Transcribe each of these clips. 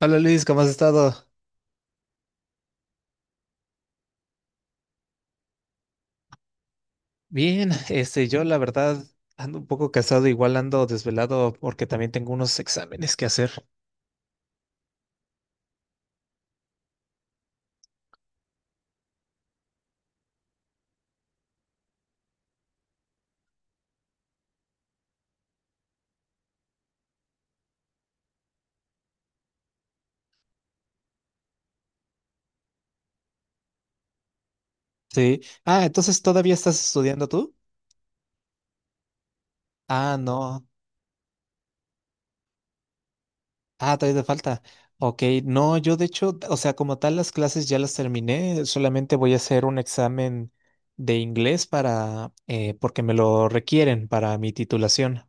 Hola Luis, ¿cómo has estado? Bien, yo la verdad ando un poco cansado, igual ando desvelado porque también tengo unos exámenes que hacer. Sí. Ah, entonces, ¿todavía estás estudiando tú? Ah, no. Ah, todavía te falta. Ok, no, yo de hecho, o sea, como tal las clases ya las terminé, solamente voy a hacer un examen de inglés para, porque me lo requieren para mi titulación.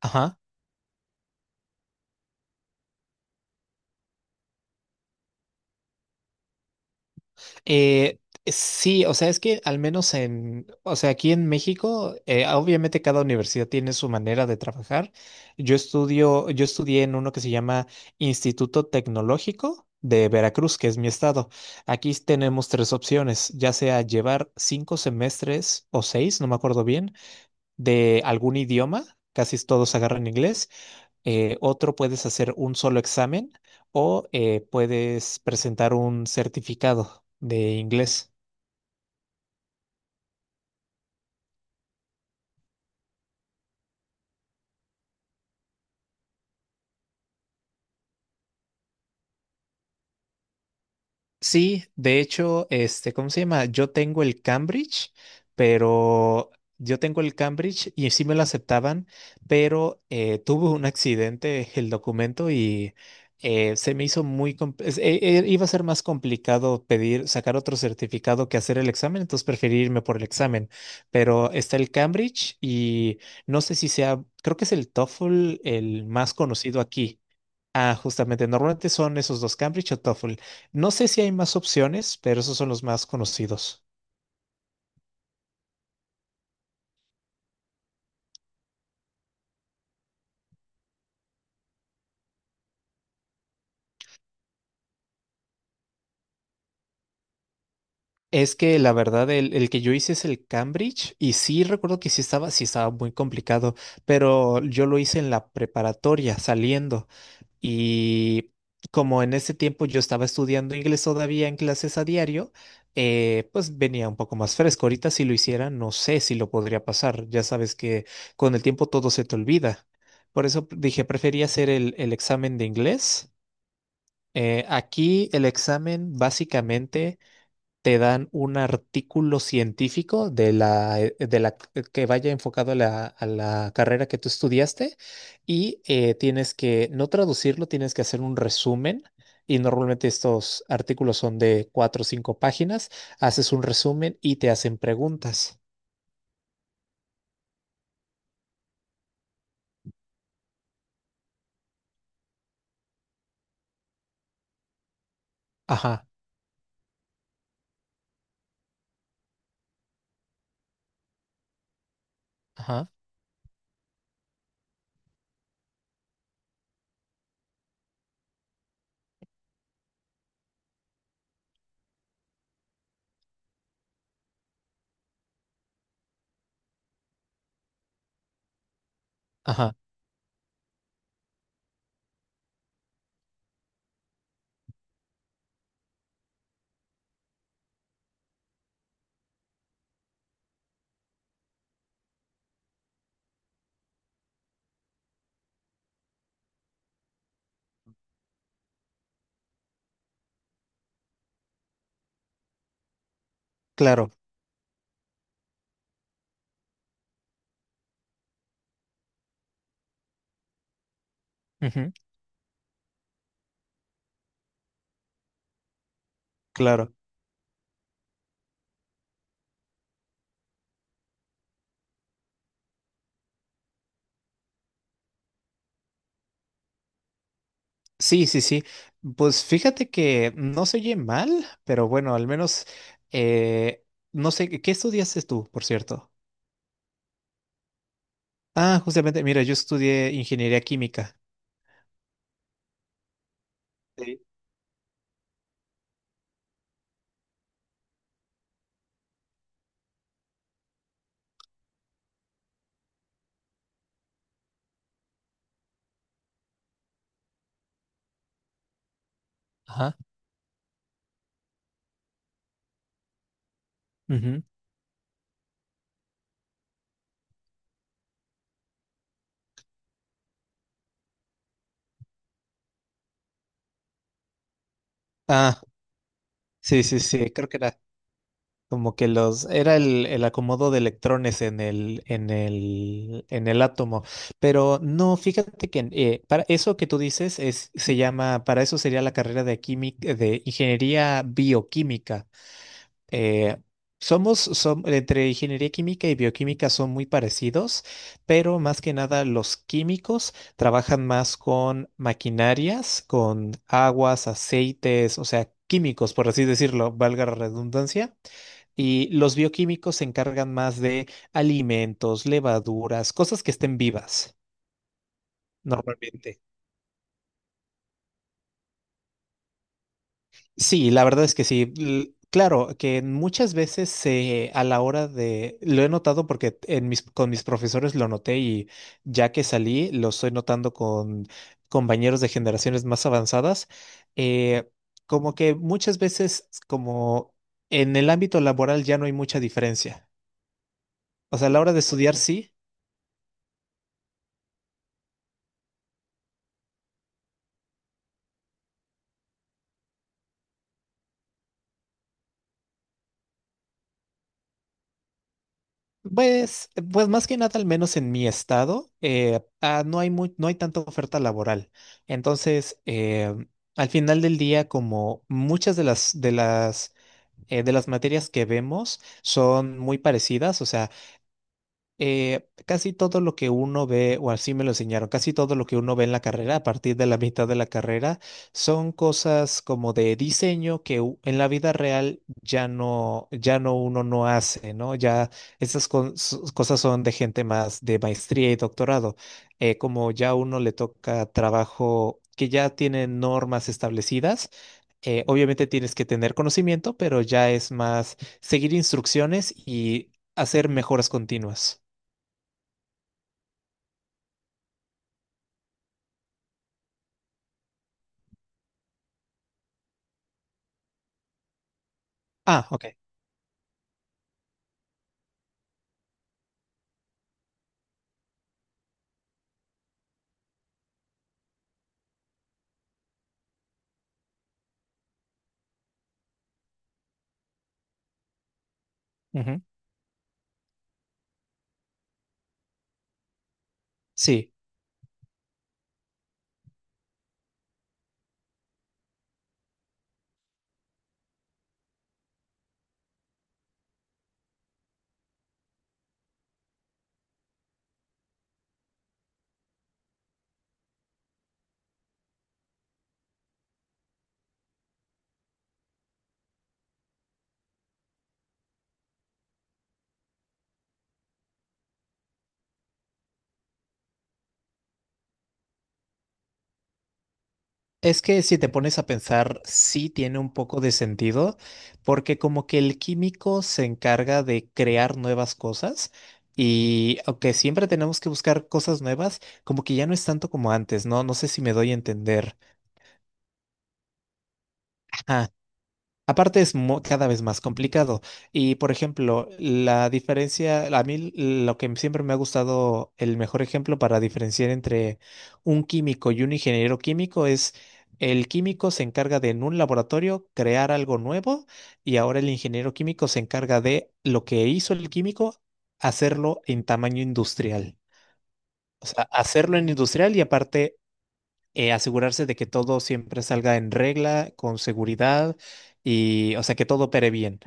Ajá. Eh, sí, o sea, es que al menos en, o sea, aquí en México, obviamente cada universidad tiene su manera de trabajar. Yo estudié en uno que se llama Instituto Tecnológico de Veracruz, que es mi estado. Aquí tenemos tres opciones, ya sea llevar cinco semestres o seis, no me acuerdo bien, de algún idioma. Casi todos agarran inglés. Otro, puedes hacer un solo examen o puedes presentar un certificado de inglés. Sí, de hecho, ¿cómo se llama? Yo tengo el Cambridge, pero yo tengo el Cambridge y sí me lo aceptaban, pero tuve un accidente el documento y se me hizo muy, iba a ser más complicado pedir, sacar otro certificado que hacer el examen, entonces preferí irme por el examen, pero está el Cambridge y no sé si sea, creo que es el TOEFL el más conocido aquí. Ah, justamente, normalmente son esos dos, Cambridge o TOEFL. No sé si hay más opciones, pero esos son los más conocidos. Es que la verdad, el que yo hice es el Cambridge y sí recuerdo que sí estaba muy complicado, pero yo lo hice en la preparatoria, saliendo. Y como en ese tiempo yo estaba estudiando inglés todavía en clases a diario, pues venía un poco más fresco. Ahorita si lo hiciera, no sé si lo podría pasar. Ya sabes que con el tiempo todo se te olvida. Por eso dije, prefería hacer el examen de inglés. Aquí el examen básicamente te dan un artículo científico de la que vaya enfocado a la carrera que tú estudiaste y tienes que no traducirlo, tienes que hacer un resumen. Y normalmente estos artículos son de cuatro o cinco páginas. Haces un resumen y te hacen preguntas. Ajá, ajá, ajá. Claro, ujú, claro. Sí, sí, sí. Pues fíjate que no se oye mal, pero bueno, al menos eh, no sé, ¿qué estudiaste tú, por cierto? Ah, justamente, mira, yo estudié ingeniería química. Sí. Ajá. Ujú. Ah, sí, sí, sí, creo que era como que los, era el acomodo de electrones en el, en el, en el átomo. Pero no, fíjate que para eso que tú dices es, se llama, para eso sería la carrera de química, de ingeniería bioquímica. Eh, Somos, entre ingeniería química y bioquímica son muy parecidos, pero más que nada los químicos trabajan más con maquinarias, con aguas, aceites, o sea, químicos, por así decirlo, valga la redundancia. Y los bioquímicos se encargan más de alimentos, levaduras, cosas que estén vivas normalmente. Sí, la verdad es que sí. Claro, que muchas veces a la hora de, lo he notado porque en mis, con mis profesores lo noté y ya que salí, lo estoy notando con compañeros de generaciones más avanzadas, eh, como que muchas veces como en el ámbito laboral ya no hay mucha diferencia. O sea, a la hora de estudiar sí. Pues, pues más que nada, al menos en mi estado, no hay no hay tanta oferta laboral. Entonces, al final del día, como muchas de las, de las, de las materias que vemos son muy parecidas, o sea, casi todo lo que uno ve, o así me lo enseñaron, casi todo lo que uno ve en la carrera, a partir de la mitad de la carrera, son cosas como de diseño que en la vida real ya no, ya no uno no hace, ¿no? Ya esas cosas son de gente más de maestría y doctorado. Como ya uno le toca trabajo que ya tiene normas establecidas. Obviamente tienes que tener conocimiento, pero ya es más seguir instrucciones y hacer mejoras continuas. Ah, ok. Ujú. Sí, es que si te pones a pensar, sí tiene un poco de sentido, porque como que el químico se encarga de crear nuevas cosas y aunque siempre tenemos que buscar cosas nuevas, como que ya no es tanto como antes, ¿no? No sé si me doy a entender. Aparte es cada vez más complicado. Y por ejemplo, la diferencia, a mí lo que siempre me ha gustado, el mejor ejemplo para diferenciar entre un químico y un ingeniero químico es: el químico se encarga de en un laboratorio crear algo nuevo y ahora el ingeniero químico se encarga de lo que hizo el químico, hacerlo en tamaño industrial. O sea, hacerlo en industrial y aparte asegurarse de que todo siempre salga en regla, con seguridad y, o sea, que todo opere bien.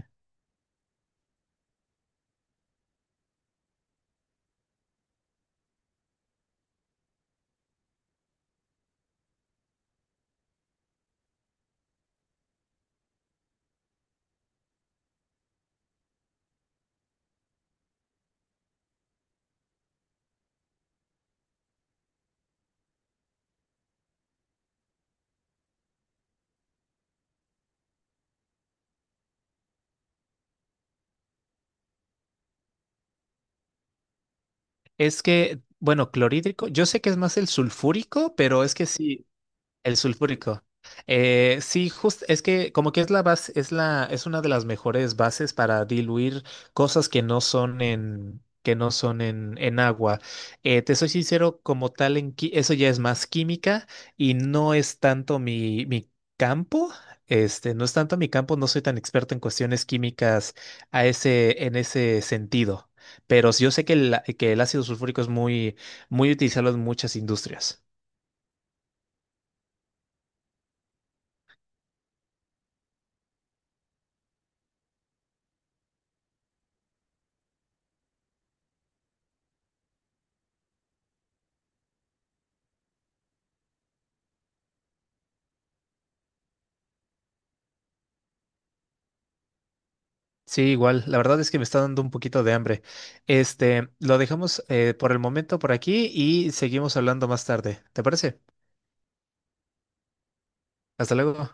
Es que, bueno, clorhídrico, yo sé que es más el sulfúrico, pero es que sí. El sulfúrico. Sí, justo es que como que es la base, es la, es una de las mejores bases para diluir cosas que no son en, que no son en agua. Te soy sincero, como tal, en, eso ya es más química y no es tanto mi, mi campo. No es tanto mi campo, no soy tan experto en cuestiones químicas a ese, en ese sentido. Pero sí yo sé que el ácido sulfúrico es muy, muy utilizado en muchas industrias. Sí, igual. La verdad es que me está dando un poquito de hambre. Lo dejamos por el momento por aquí y seguimos hablando más tarde. ¿Te parece? Hasta luego.